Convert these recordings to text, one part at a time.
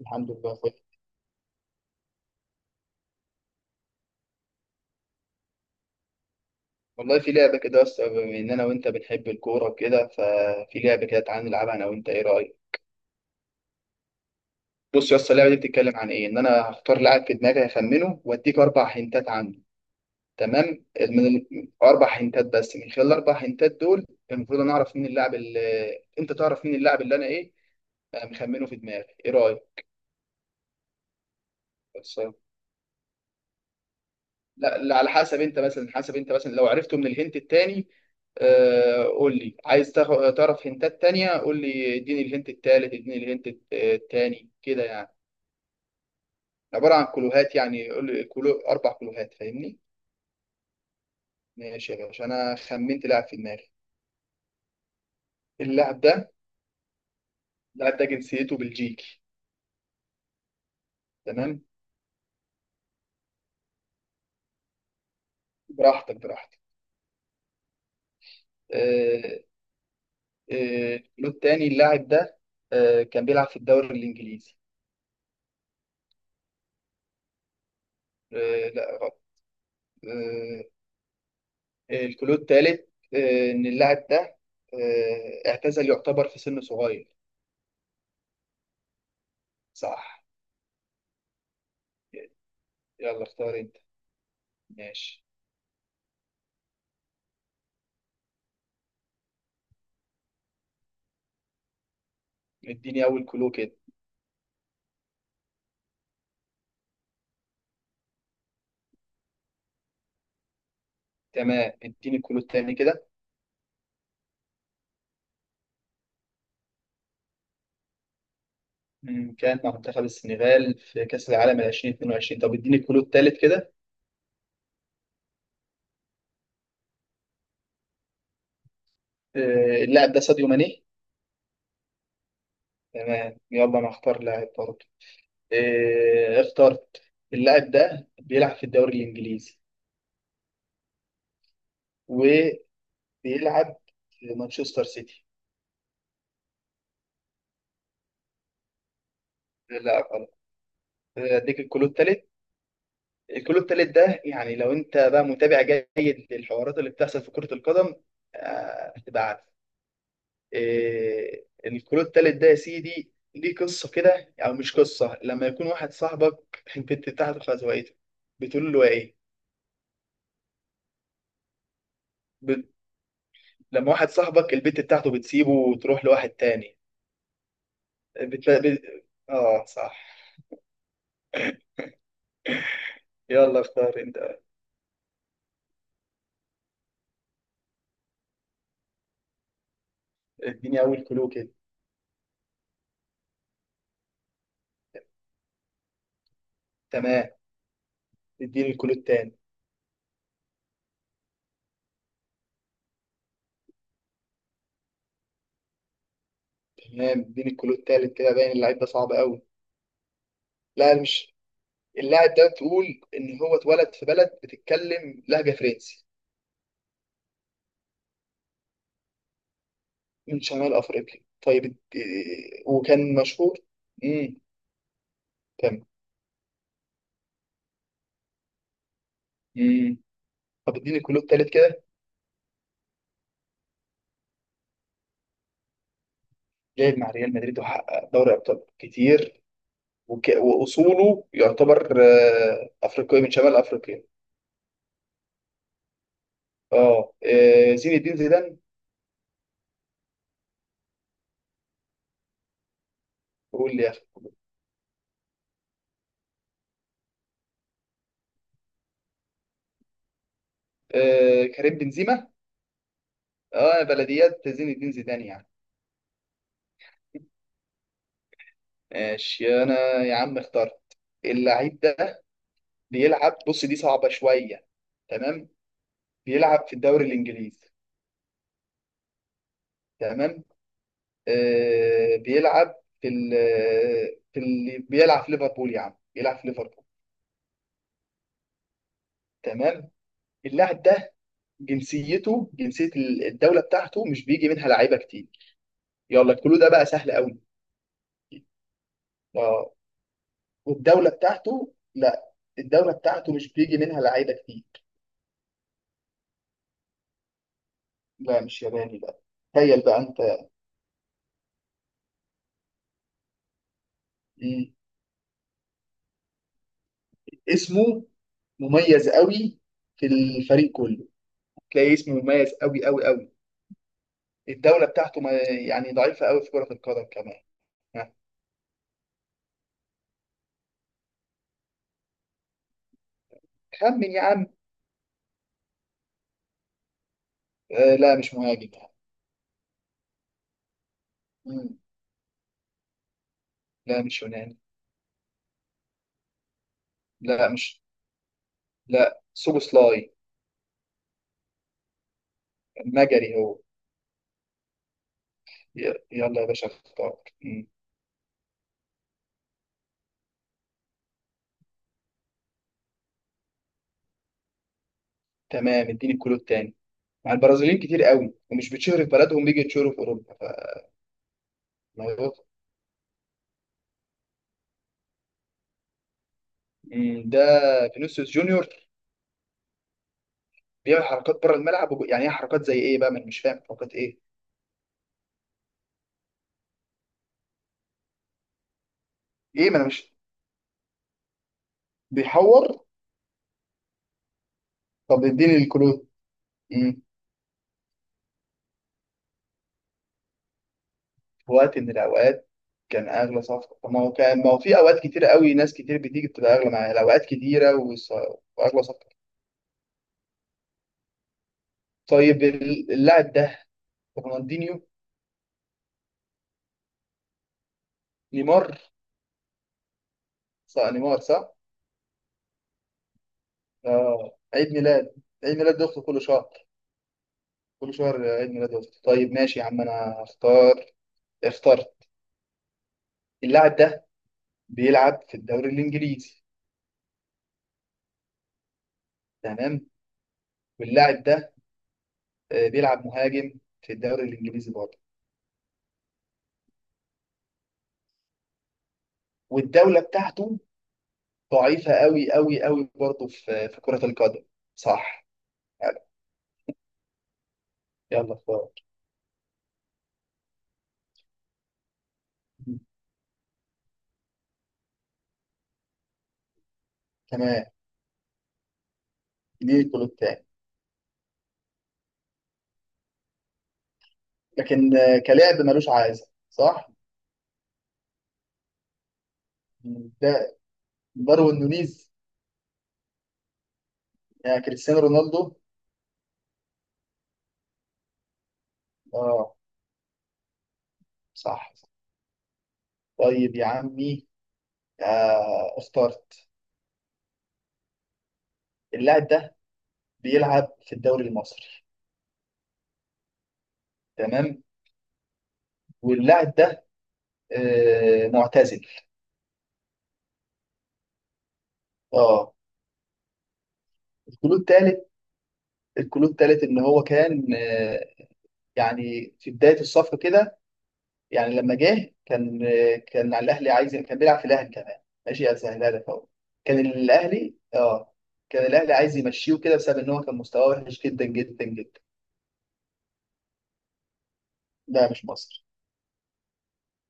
الحمد لله يا اخويا. والله في لعبة كده، بس بما إن أنا وأنت بنحب الكورة وكده ففي لعبة كده، تعالى نلعبها أنا وأنت. إيه رأيك؟ بص يا اسطى، اللعبة دي بتتكلم عن إيه؟ إن أنا هختار لاعب في دماغي، هخمنه وأديك أربع هنتات عنه. تمام؟ من أربع هنتات، بس من خلال الأربع هنتات دول المفروض أنا أعرف مين اللاعب اللي أنت تعرف مين اللاعب اللي أنا إيه؟ أنا مخمنه في دماغي. إيه رأيك؟ لا لا، على حسب انت مثلا، حسب انت مثلا لو عرفته من الهنت التاني. قول لي عايز تعرف هنتات تانية، قول لي اديني الهنت التالت، اديني الهنت التاني كده، يعني عبارة عن كلوهات. يعني قول لي كلو، أربع كلوهات، فاهمني؟ ماشي يا باشا، أنا خمنت لاعب في دماغي. اللاعب ده، اللاعب ده جنسيته بلجيكي. تمام؟ براحتك براحتك. آه، الكلو التاني، اللاعب ده كان بيلعب في الدوري الإنجليزي. لا غلط. آه، الكلو الثالث، ان اللاعب ده اعتزل يعتبر في سن صغير. صح. يلا اختار انت. ماشي، اديني اول كلو كده. تمام، اديني الكلو الثاني كده. مم، كان مع منتخب السنغال في كأس العالم 2022. طب اديني الكلو الثالث كده. اللاعب ده ساديو ماني. تمام، يلا انا اختار لاعب برضه. اخترت. اللاعب ده بيلعب في الدوري الانجليزي وبيلعب في مانشستر سيتي. لا غلط. اديك الكلو الثالث. الكلو التالت ده يعني لو انت بقى متابع جيد للحوارات اللي بتحصل في كرة القدم هتبقى عارف. الكلو التالت ده يا سيدي ليه قصة كده، او مش قصة، لما يكون واحد صاحبك البت بتاعته خزوقته بتقول له ايه؟ ب... لما واحد صاحبك البت بتاعته بتسيبه وتروح لواحد تاني. بت... بت... اه صح. يلا اختار انت. اديني اول كلو كده. تمام، اديني الكلو التاني. تمام، اديني الكلو التالت كده. باين اللعيب ده صعب قوي. لا، مش. اللاعب ده تقول ان هو اتولد في بلد بتتكلم لهجه فرنسي، من شمال افريقيا. طيب اد- إيه، وكان مشهور. امم. تمام. امم. طب اديني الكلود التالت كده. لعب مع ريال مدريد وحقق دوري ابطال كتير. واصوله يعتبر افريقي من شمال افريقيا. اه، زين الدين زيدان. قول لي يا اخي. كريم بنزيما. اه، بلديات زين الدين زيدان يعني. ماشي انا، يا عم اخترت. اللعيب ده بيلعب، بص دي صعبة شوية. تمام، بيلعب في الدوري الإنجليزي. تمام. آه بيلعب في ال، في ال، بيلعب في ليفربول يا عم، بيلعب في ليفربول. تمام. اللاعب ده جنسيته، جنسية الدولة بتاعته مش بيجي منها لعيبة كتير. يلا الكلو ده بقى سهل قوي. اه. والدولة بتاعته، لا، الدولة بتاعته مش بيجي منها لعيبة كتير. لا، مش ياباني بقى. تخيل بقى انت. مم. اسمه مميز قوي في الفريق كله، تلاقيه اسمه مميز قوي قوي قوي. الدولة بتاعته ما يعني ضعيفة قوي في كرة القدم كمان. ها، خمن يا عم. آه، لا مش مهاجم. مم. لا، مش يوناني. لا، مش. لا، سوبوسلاي. مجري هو. يلا يا باشا اختار. مم. تمام، اديني الكلو التاني. مع البرازيليين كتير قوي، ومش بتشهر في بلدهم، بيجي يتشهروا في اوروبا. فالموضوع مم، ده فينيسيوس جونيور. بيعمل حركات بره الملعب يعني ايه حركات زي ايه بقى، ما انا مش فاهم حركات ايه؟ ايه ما انا مش. بيحور. طب اديني الكلو. في وقت من الاوقات كان اغلى صفقه. طب ما هو كان، ما هو في اوقات كتيره قوي ناس كتير بتيجي بتبقى اغلى، معايا الاوقات كتيره واغلى صفقه. طيب اللاعب ده رونالدينيو. نيمار. صح، نيمار صح. اه، عيد ميلاد، عيد ميلاد اخته كل شهر، كل شهر عيد ميلاد اخته. طيب ماشي يا عم انا اختار. اخترت. اللاعب ده بيلعب في الدوري الانجليزي. تمام. واللاعب ده بيلعب مهاجم في الدوري الانجليزي برضه. والدوله بتاعته ضعيفة قوي قوي قوي برضه في كرة القدم. صح. حلو. يلا اختار. تمام، دي الجول التاني. لكن كلاعب ملوش عايزة صح. ده داروين نونيز. كريستيانو رونالدو. اه صح. طيب يا عمي اخترت. اللاعب ده بيلعب في الدوري المصري. تمام. واللاعب ده آه، معتزل. اه. الكلو التالت. الكلو التالت ان هو كان آه، يعني في بداية الصفقة كده، يعني لما جه كان، كان على الاهلي عايز، كان بيلعب في الاهلي كمان. ماشي اسهلها لك اهو. كان الاهلي، اه كان الاهلي عايز يمشيه كده بسبب ان هو كان مستواه وحش جدا جدا جدا. لا، مش مصر.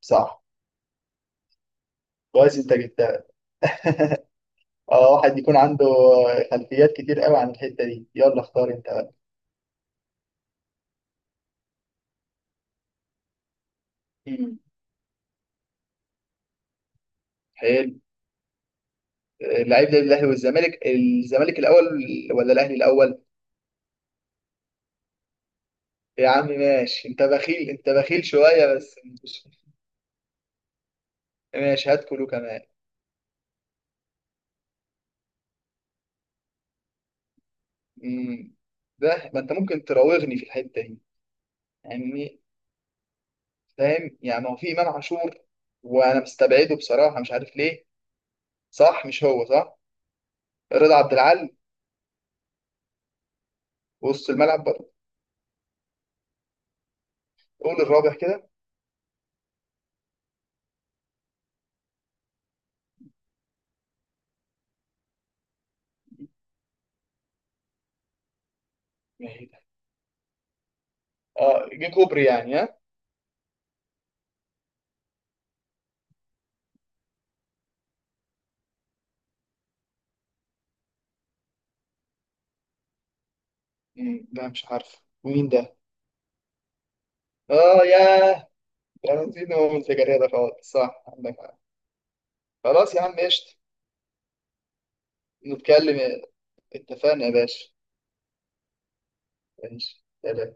صح. كويس انت جبتها. اه، واحد يكون عنده خلفيات كتير قوي عن الحته دي. يلا اختار انت بقى. مم. حلو. اللعيب ده الاهلي والزمالك، الزمالك الاول ولا الاهلي الاول؟ يا عم ماشي، انت بخيل، انت بخيل شويه بس. مش- ماشي هات كله كمان. مم. ده ما انت ممكن تراوغني في الحته دي يعني، فاهم يعني؟ هو في امام عاشور وانا مستبعده بصراحه مش عارف ليه. صح مش هو؟ صح. رضا عبد العال. وسط الملعب برضه. قول الرابع كده. ما هي ده. اه، جه كوبري يعني، ها. مم. ده مش عارف مين ده. اه ياه، ده انا نسيت، هو من سجاريه ده خالص. صح عندك حق. خلاص يا عم قشطه. نتكلم. اتفقنا يا باشا. ماشي، سلام.